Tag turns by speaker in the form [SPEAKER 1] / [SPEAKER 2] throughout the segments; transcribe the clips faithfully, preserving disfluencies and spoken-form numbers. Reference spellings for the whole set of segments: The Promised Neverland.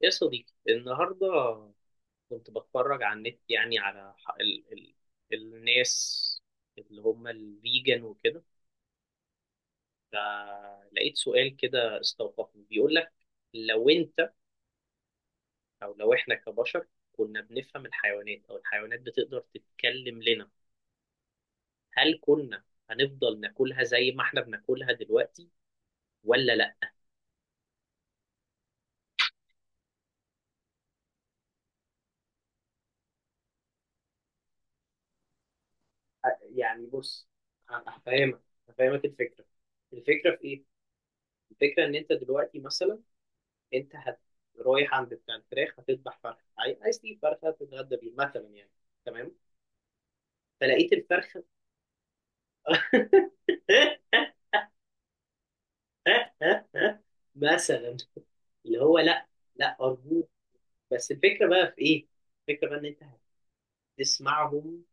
[SPEAKER 1] يا صديقي النهاردة كنت بتفرج على النت، يعني على ح- ال ال الناس اللي هم الفيجن وكده، فلقيت سؤال كده استوقفني، بيقول لك لو انت، او لو احنا كبشر، كنا بنفهم الحيوانات او الحيوانات بتقدر تتكلم لنا، هل كنا هنفضل ناكلها زي ما احنا بناكلها دلوقتي ولا لا؟ أ- يعني بص، ه- هفهمك هفهمك الفكرة. الفكرة في ايه؟ الفكرة ان انت دلوقتي مثلا، انت هت رايح عند بتاع الفراخ، هتذبح فرخه، عاي- عايز تجيب فرخه تتغدى بيه مثلا يعني، تمام، فلقيت الفرخه. مثلا اللي هو لا، لا ارجوك. بس الفكره بقى في ايه؟ الفكره بقى ان انت هتسمعهم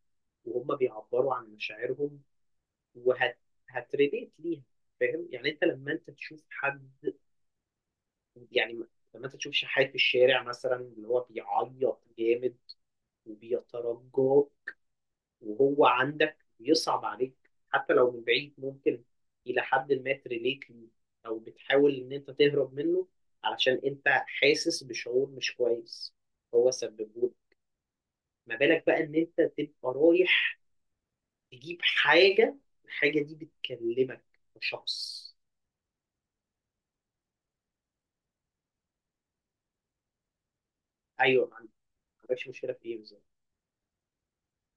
[SPEAKER 1] وهم بيعبروا عن مشاعرهم، وهت هتريليت ليها. فاهم؟ يعني انت لما انت تشوف حد، يعني لما انت تشوف شحات في الشارع مثلا اللي هو بيعيط جامد وبيترجى وهو عندك بيصعب عليك، حتى لو من بعيد ممكن إلى حد ما تريليت ليه، أو بتحاول إن أنت تهرب منه علشان أنت حاسس بشعور مش كويس هو سببهولك. ما بالك بقى إن أنت تبقى رايح تجيب حاجة، الحاجة دي بتكلمك كشخص؟ أيوه. ما عندكش مشكلة في إيه بالظبط؟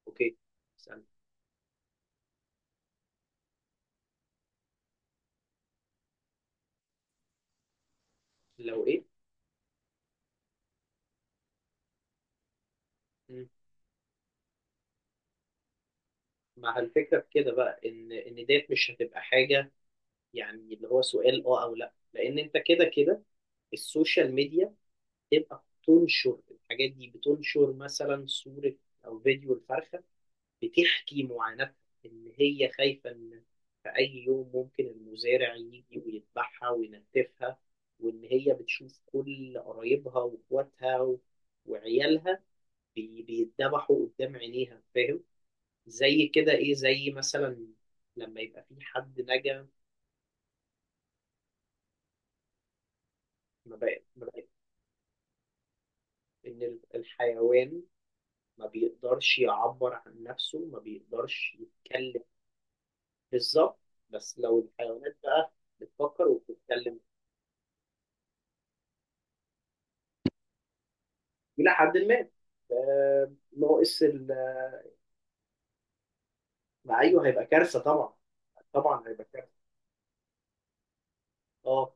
[SPEAKER 1] أوكي، اسأل. لو إيه؟ مم. مع الفكرة في كده بقى إن إن ديت مش هتبقى حاجة، يعني اللي هو سؤال أه أو لأ، لأن أنت كده كده السوشيال ميديا تبقى بتنشر الحاجات دي، بتنشر مثلا صورة أو فيديو الفرخة بتحكي معاناتها إن هي خايفة إن في أي يوم ممكن المزارع يجي ويذبحها وينتفها، وإن هي بتشوف كل قرايبها وإخواتها و- وعيالها بي- بيتذبحوا قدام عينيها. فاهم؟ زي كده إيه، زي مثلا لما يبقى في حد نجا. ما بقى ما بقى إن الحيوان ما بيقدرش يعبر عن نفسه، ما بيقدرش يتكلم. بالظبط. بس لو الحيوانات بقى بتفكر وبتتكلم إلى حد ما، آه، ناقص ال- مع أيوه هيبقى كارثة طبعا. طبعا هيبقى كارثة. اه.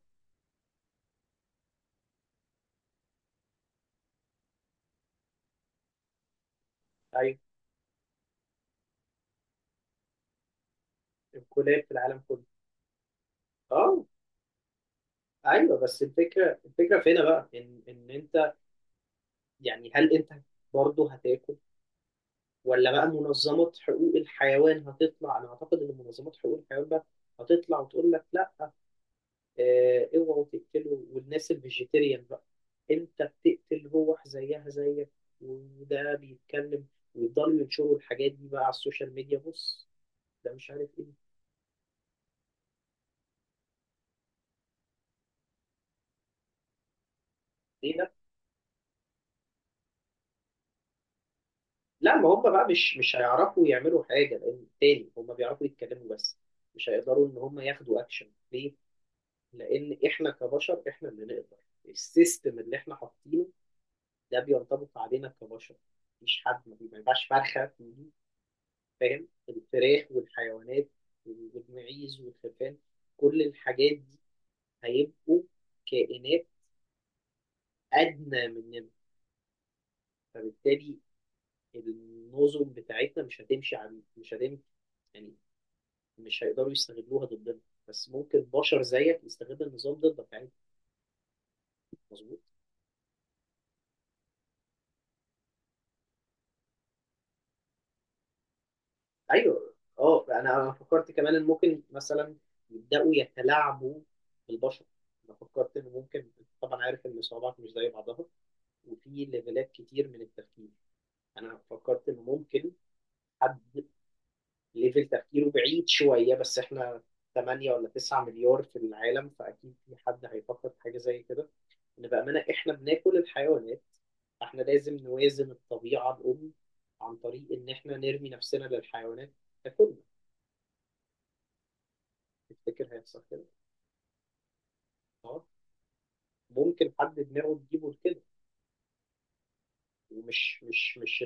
[SPEAKER 1] أيوه الكلاب في العالم كله. اه. ايوه بس الفكره الفكره في هنا بقى ان ان انت، يعني هل انت برضه هتاكل، ولا بقى منظمات حقوق الحيوان هتطلع؟ انا اعتقد ان منظمات حقوق الحيوان بقى هتطلع وتقول لك لا، آه، اوعوا تقتله. والناس الفيجيتيريان بقى، انت بتقتل روح زيها زيك وده بيتكلم، ويضلوا ينشروا الحاجات دي بقى على السوشيال ميديا. بص، ده مش عارف ايه، ايه ده. لا ما هم بقى مش مش هيعرفوا يعملوا حاجه، لان تاني هم بيعرفوا يتكلموا بس مش هيقدروا ان هم ياخدوا اكشن ليه؟ لان احنا كبشر احنا اللي نقدر، السيستم اللي احنا حاطينه ده بينطبق علينا كبشر. مفيش حد ما بيبقاش فرخه، فاهم؟ الفراخ والحيوانات والمعيز والخرفان، كل الحاجات دي هيبقوا كائنات أدنى مننا، فبالتالي النظم بتاعتنا مش هتمشي على مش هتمشي، يعني مش هيقدروا يستغلوها ضدنا. بس ممكن بشر زيك يستغل النظام ضدك يعني. مظبوط. ايوه اه، انا أنا فكرت كمان ان ممكن مثلا يبداوا يتلاعبوا بالبشر. انا فكرت ان ممكن، طبعا عارف ان الصعوبات مش زي بعضها وفي ليفلات كتير من التفكير، انا فكرت ان ممكن حد ليفل تفكيره بعيد شويه. بس احنا ثمانية ولا تسعة مليار في العالم، فاكيد في حد هيفكر في حاجه زي كده، ان بامانه احنا بناكل الحيوانات، فاحنا لازم نوازن الطبيعه الام عن طريق ان احنا نرمي نفسنا للحيوانات تاكلنا. تفتكر هيحصل كده؟ اه، ممكن حد دماغه تجيبه لكده. ومش مش مش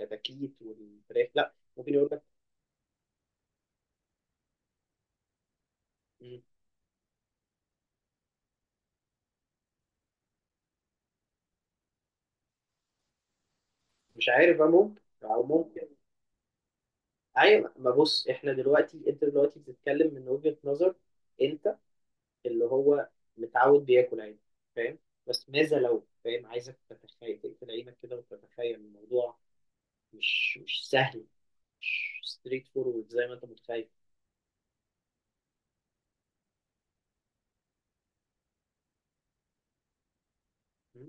[SPEAKER 1] الكتاكيت والفراخ، لا، ممكن يقول لك "مم، مش عارف بقى. ممكن او ممكن. ايوه. ما بص، احنا دلوقتي، انت دلوقتي بتتكلم من وجهة نظر انت اللي هو متعود بياكل عيش، فاهم؟ بس ماذا لو، فاهم، عايزك تتخيل، تقفل عينك كده وتتخيل الموضوع، مش مش سهل، مش ستريت فورورد زي ما انت متخيل. م?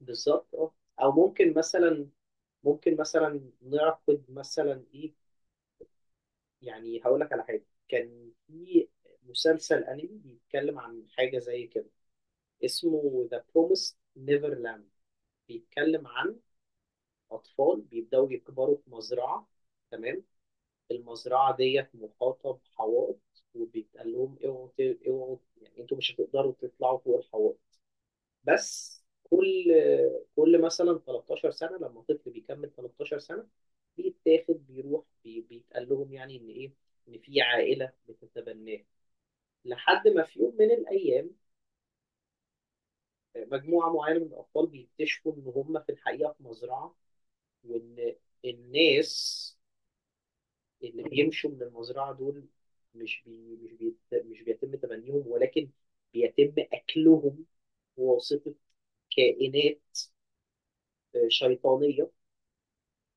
[SPEAKER 1] بالظبط اه. او ممكن مثلا ممكن مثلا نعقد مثلا ايه، يعني هقول لك على حاجه. كان في مسلسل انمي بيتكلم عن حاجه زي كده، اسمه ذا بروميس نيفرلاند. بيتكلم عن أطفال بيبدأوا يكبروا في مزرعة، تمام، المزرعة ديت محاطة بحوائط، وبيتقال لهم اوعوا ت- اوعوا، يعني انتوا مش هتقدروا تطلعوا فوق الحوائط. بس كل كل مثلا تلتاشر سنة، لما طفل بيكمل ثلاثة عشر سنة بيتاخد بيروح، بي- بيتقال لهم يعني ان ايه، ان في عائلة بتتبناه. لحد ما في يوم من الايام، مجموعة معينة من الاطفال بيكتشفوا ان هم في الحقيقة في مزرعة، وان الناس اللي بيمشوا من المزرعة دول مش بي مش بيت مش بيتم تبنيهم، ولكن بيتم أكلهم بواسطة كائنات آه، شيطانية،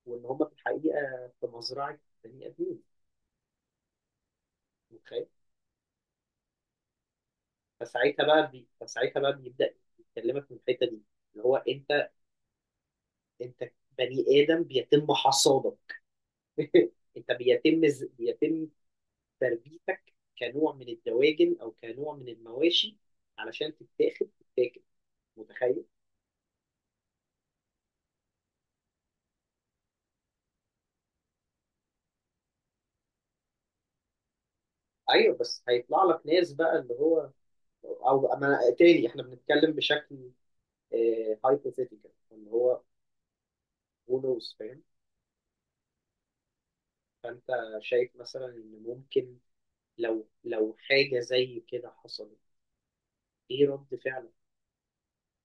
[SPEAKER 1] وإن هم في الحقيقة في مزرعة بني آدمين. متخيل؟ فساعتها بقى بي فساعتها بقى بيبدأ يكلمك من الحتة دي، اللي هو أنت، أنت بني آدم بيتم حصادك، أنت بيتم ز- بيتم تربيتك كنوع من الدواجن أو كنوع من المواشي علشان تتاخد تتاكل. متخيل؟ ايوه بس هيطلع لك ناس بقى اللي هو. او أما تاني احنا بنتكلم بشكل هايبوثيتيكال، اللي هو who knows، فاهم؟ فانت شايف مثلا ان ممكن، لو لو حاجه زي كده حصلت، ايه رد فعلك؟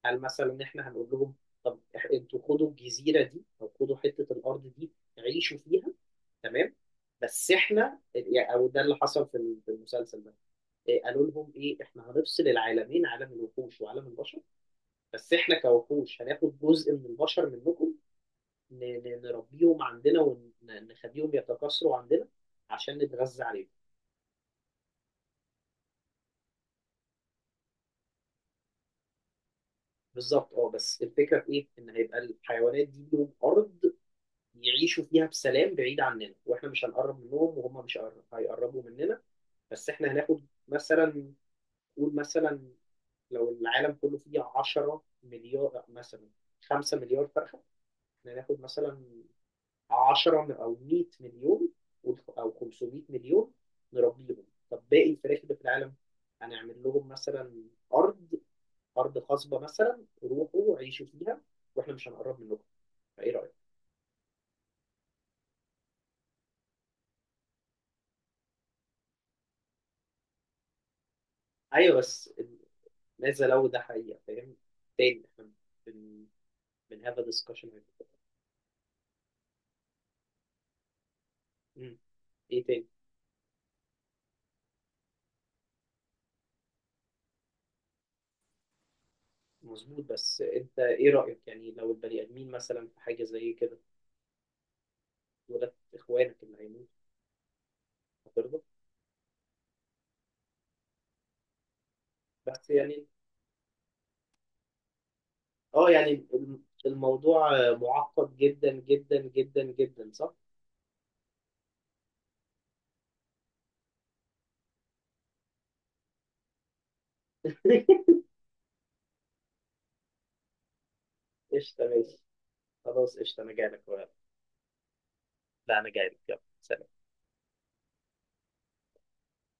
[SPEAKER 1] هل مثلا احنا هنقول لهم، طب إح- انتوا خدوا الجزيره دي او خدوا حته الارض دي، عيشوا فيها، تمام، بس احنا يعني، او ده اللي حصل في ال- في المسلسل ده، إيه، قالوا لهم ايه، احنا هنفصل العالمين، عالم الوحوش وعالم البشر، بس احنا كوحوش هناخد جزء من البشر منكم، ن- ن- نربيهم عندنا ونخليهم يتكاثروا عندنا عشان نتغذى عليهم. بالظبط اه. بس الفكره في ايه؟ ان هيبقى الحيوانات دي لهم ارض يعيشوا فيها بسلام بعيد عننا، واحنا مش هنقرب منهم وهم مش هيقر- هيقربوا مننا. بس احنا هناخد مثلا، قول مثلا لو العالم كله فيه عشرة مليار مثلا، خمسة مليار فرخه، احنا هناخد مثلا عشرة م- او مئة مليون، والخ- او خمسمية مليون نربيهم. طب باقي الفراخ اللي في العالم هنعمل لهم مثلا ارض، ارض خصبه مثلا، روحوا عيشوا فيها واحنا مش هنقرب منكم، فايه رايك؟ ايوه بس ال- ماذا لو ده حقيقه، فاهم؟ تاني احنا بن بن هاف ديسكشن. ايه تاني، مظبوط. بس انت ايه رايك يعني؟ لو البني ادمين مثلا في حاجه زي كده دولت اخوانك اللي هيموتوا، هترضى؟ بس يعني اه، يعني الم- الموضوع معقد جدا جدا جدا جدا، صح؟ قشطة ماشي، خلاص قشطة أنا جايلك، لا أنا جايلك يلا سلام.